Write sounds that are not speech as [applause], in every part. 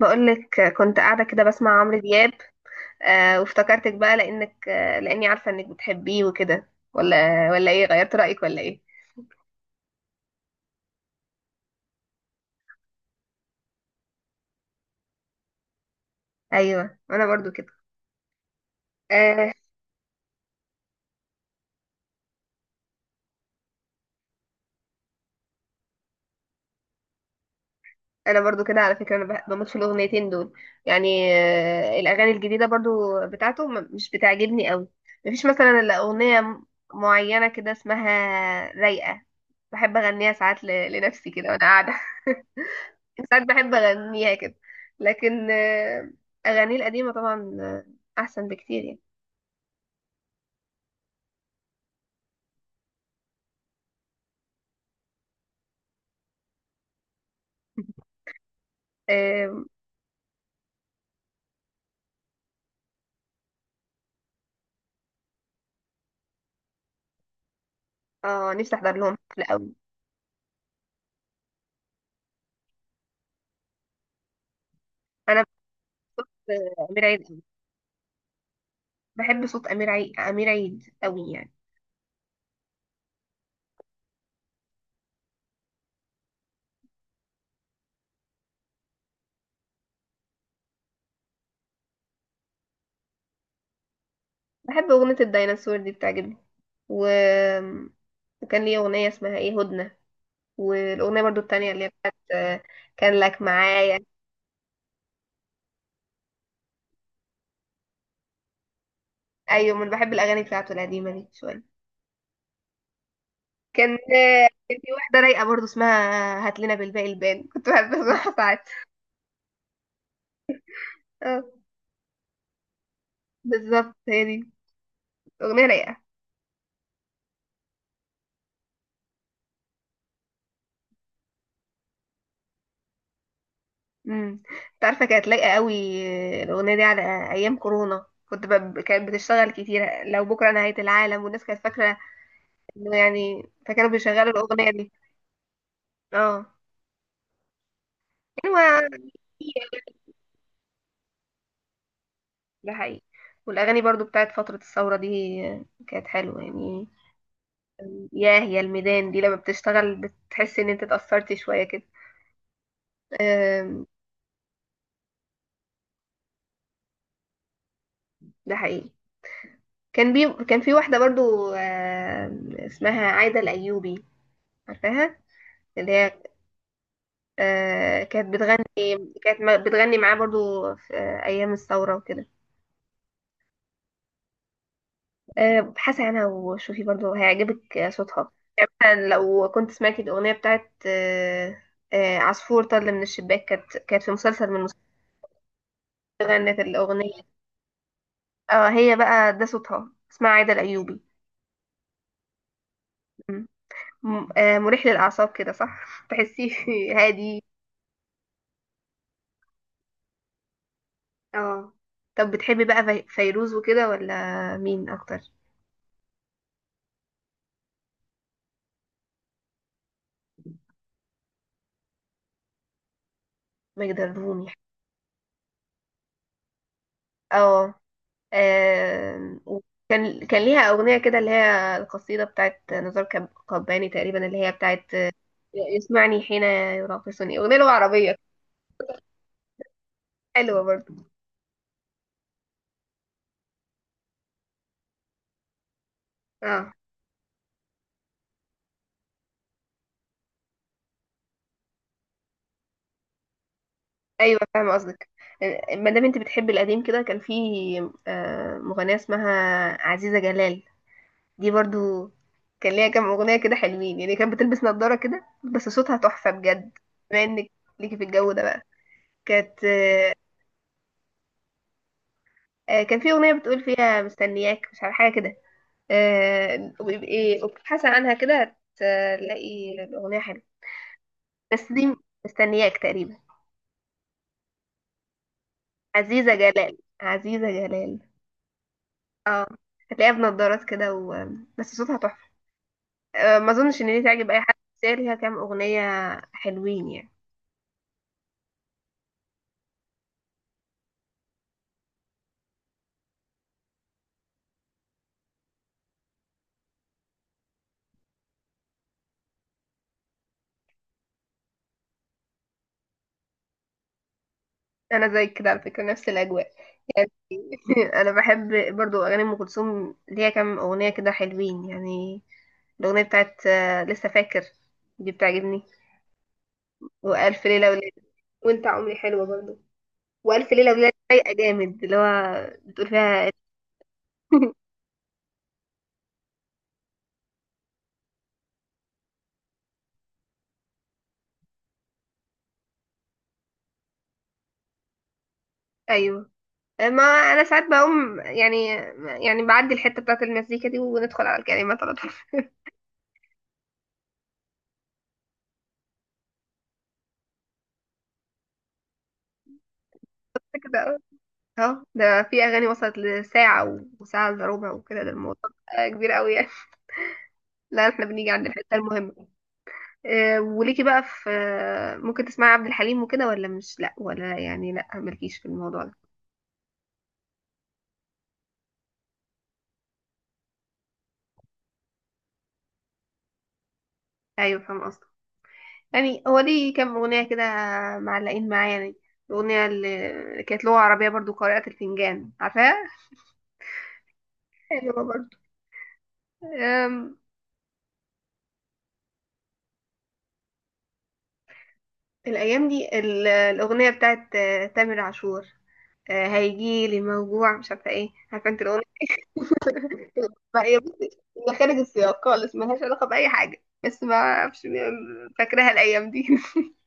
بقولك كنت قاعدة كده بسمع عمرو دياب. وافتكرتك بقى لأنك آه لأني عارفة إنك بتحبيه وكده، ولا إيه، غيرت رأيك ولا إيه؟ أيوه، أنا برضو كده. آه أنا برضو كده على فكرة، أنا بموت في الأغنيتين دول. يعني الأغاني الجديدة برضو بتاعته مش بتعجبني قوي. مفيش مثلا إلا أغنية معينة كده اسمها رايقة، بحب أغنيها ساعات لنفسي كده وأنا قاعدة. [laughs] ساعات بحب اغنيها كده، لكن اغانيه القديمه طبعا احسن بكتير يعني. اه. نفسي احضر لهم حفله قوي. انا بحب صوت امير عيد قوي، بحب صوت امير عيد، امير عيد قوي يعني. بحب اغنيه الديناصور دي بتعجبني، و... وكان ليه اغنيه اسمها ايه، هدنه. والاغنيه برضو التانية اللي هي بتاعت كان لك معايا. ايوه، من بحب الاغاني بتاعته القديمه دي شويه. كان في واحده رايقه برضو اسمها هات لنا بالباقي البان، كنت بحب اسمعها ساعات. آه. بالظبط هي دي، اغنيه رايقه. امم. انت عارفه كانت لايقه قوي الاغنيه دي على ايام كورونا، كانت بتشتغل كتير لو بكره نهايه العالم، والناس كانت فاكره انه يعني، فكانوا بيشغلوا الاغنيه دي. اه، يعني هو، ده حقيقي. والاغاني برضو بتاعت فتره الثوره دي كانت حلوه يعني. ياه، يا الميدان دي لما بتشتغل بتحس ان انت اتأثرت شوية كده. آم، ده حقيقي. كان في واحدة برضو اسمها عايدة الأيوبي، عارفاها؟ اللي هي كانت بتغني، كانت بتغني معاه برضو في أيام الثورة وكده. آه، ابحثي عنها وشوفي برضو هيعجبك صوتها. يعني مثلا لو كنت سمعتي الأغنية بتاعت عصفور طل من الشباك، كانت في مسلسل من المسلسلات غنت الأغنية. اه، هي بقى، ده صوتها، اسمها عايدة الأيوبي. م- مريح للأعصاب كده صح؟ [laughs] تحسيه هادي. اه، طب بتحبي بقى فيروز وكده، ولا مين أكتر؟ ماجدة الرومي، اه. وكان ليها أغنية كده اللي هي القصيدة بتاعت نزار قباني تقريبا، اللي هي بتاعت يسمعني حين يراقصني، أغنية لغة عربية، حلوة برضو. اه، أيوة فاهمة قصدك. ما دام انت بتحبي القديم كده، كان في مغنية اسمها عزيزة جلال. دي برضو كان ليها كام أغنية كده حلوين يعني، كانت بتلبس نظارة كده بس صوتها تحفة بجد. بما انك ليكي في الجو ده بقى، كانت آه، آه، كان في أغنية بتقول فيها مستنياك، مش عارفة حاجة كده. وابقي وابحثي عنها كده هتلاقي الأغنية حلوة. بس دي مستنياك تقريبا. عزيزة جلال، عزيزة جلال. اه، هتلاقيها بنضارات كده و... بس صوتها تحفة. ما اظنش ان دي تعجب اي حد، بس هي ليها كام أغنية حلوين يعني. انا زي كده على فكرة، نفس الاجواء يعني. [laughs] انا بحب برضو اغاني ام كلثوم، ليها كام أغنية كده حلوين يعني. الأغنية بتاعت لسه فاكر دي بتعجبني، وألف ليلة وليلة، وأنت عمري حلوة برضو، والف ليله وليله رايقه جامد اللي هو بتقول فيها. [laughs] ايوه، ما انا ساعات بقوم يعني، يعني بعدي الحته بتاعت المزيكا دي وندخل على الكلمات على طول. [laughs] كده، اهو ده في اغاني وصلت لساعه وساعه الا ربع وكده، ده الموضوع بقى كبير قوي يعني. [laughs] لا، احنا بنيجي عند الحته المهمه. وليكي بقى في ممكن تسمعي عبد الحليم وكده، ولا مش لا ولا يعني، لا مالكيش في الموضوع ده؟ ايوه فاهم قصدي. يعني هو ليه كام أغنية كده معلقين معايا يعني، الأغنية اللي كانت لغة عربية برضو، قارئة الفنجان، عارفاها؟ حلوة برضو. أم، الأيام دي الأغنية بتاعت تامر عاشور، هيجيلي موجوع، مش عارفة ايه، عارفة انت الأغنية؟ بقى ايه، بصي، هي خارج السياق خالص، ملهاش علاقة بأي حاجة، بس ما أعرفش. فاكراها الأيام دي. [laughs]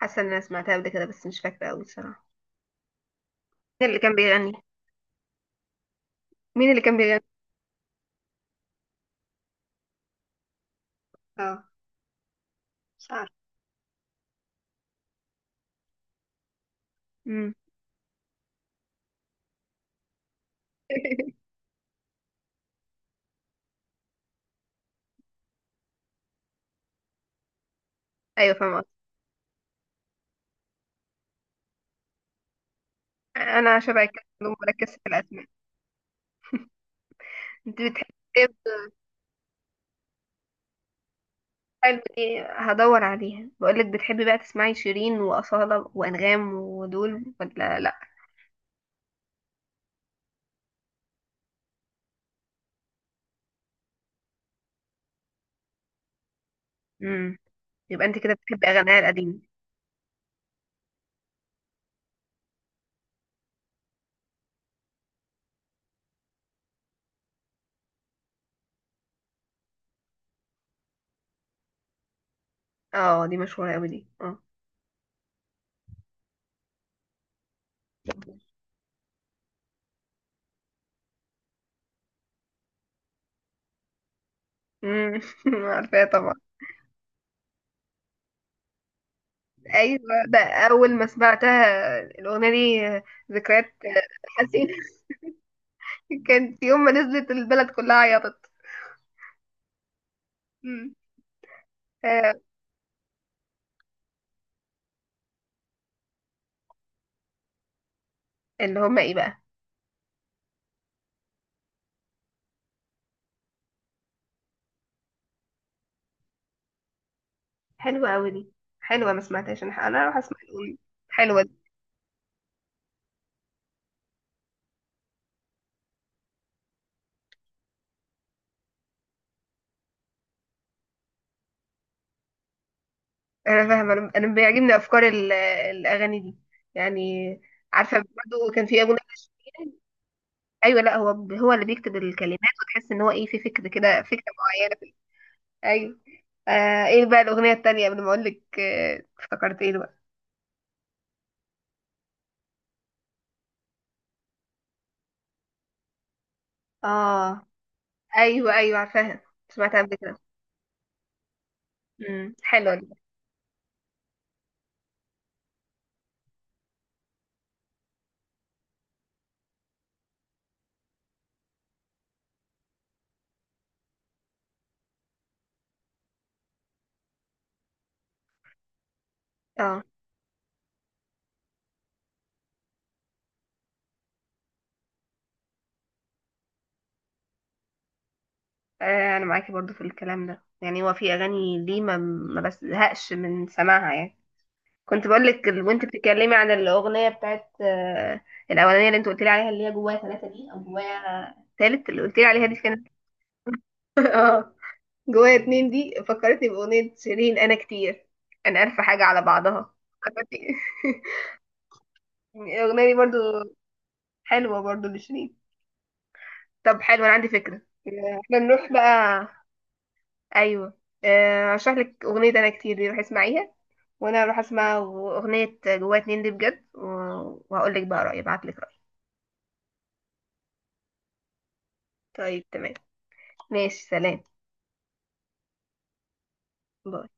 حاسة إن أنا سمعتها قبل كده بس مش فاكرة أوي بصراحة. مين اللي كان بيغني؟ مين اللي كان بيغني؟ اه. مش عارفة. أمم. [laughs] ايوه فاهمة. انا شبه كده مركز في الاسماء. انت بتحبي ايه؟ حلو دي، هدور عليها. بقولك، بتحبي بقى تسمعي شيرين واصاله وانغام ودول، ولا لا؟ امم. يبقى انت كده بتحبي اغانيها القديمه. اه دي مشهوره قوي دي، اه. امم. [laughs] عارفاها طبعا. ايوه. ده اول ما سمعتها الاغنيه دي، ذكريات، حزينه. [laughs] كانت يوم ما نزلت البلد كلها عيطت. امم. آه، اللي هما ايه بقى؟ حلوه قوي دي. حلوه، ما سمعتهاش، انا هروح اسمع الاغنيه. حلوه. انا فاهمه، انا أنا بيعجبني افكار الاغاني دي يعني. عارفه برضه كان في اغنيه لشيرين. ايوه، لا هو، هو اللي بيكتب الكلمات، وتحس ان هو ايه، في فكر كده، فكره معينه في. ايوه. آه، ايه بقى الاغنيه التانيه، قبل ما اقول لك افتكرت ايه بقى. اه، ايوه ايوه عارفاها. سمعتها قبل كده. امم، حلوه دي. اه. انا معاكي برضو في الكلام ده، يعني هو في اغاني ليه ما بزهقش من سماعها يعني. كنت بقول لك وانت بتتكلمي عن الاغنيه بتاعت الاولانيه اللي انت قلت لي عليها، اللي هي جوايا ثلاثه دي، او جوايا ثالث اللي قلت لي عليها دي، كانت. [laughs] اه. جوايا اتنين دي فكرتني باغنيه شيرين انا كتير، انا عارفه حاجه على بعضها، فكرتني. [laughs] الاغنيه دي برضو حلوه برضو لشيرين. طب حلو، انا عندي فكره. احنا نروح بقى. ايوه. اشرح لك اغنيه انا كتير دي، روح اسمعيها، وانا اروح اسمع اغنيه جوايا اتنين دي بجد، وهقول لك بقى رايي، ابعت لك رايي. طيب تمام، ماشي سلام. باي.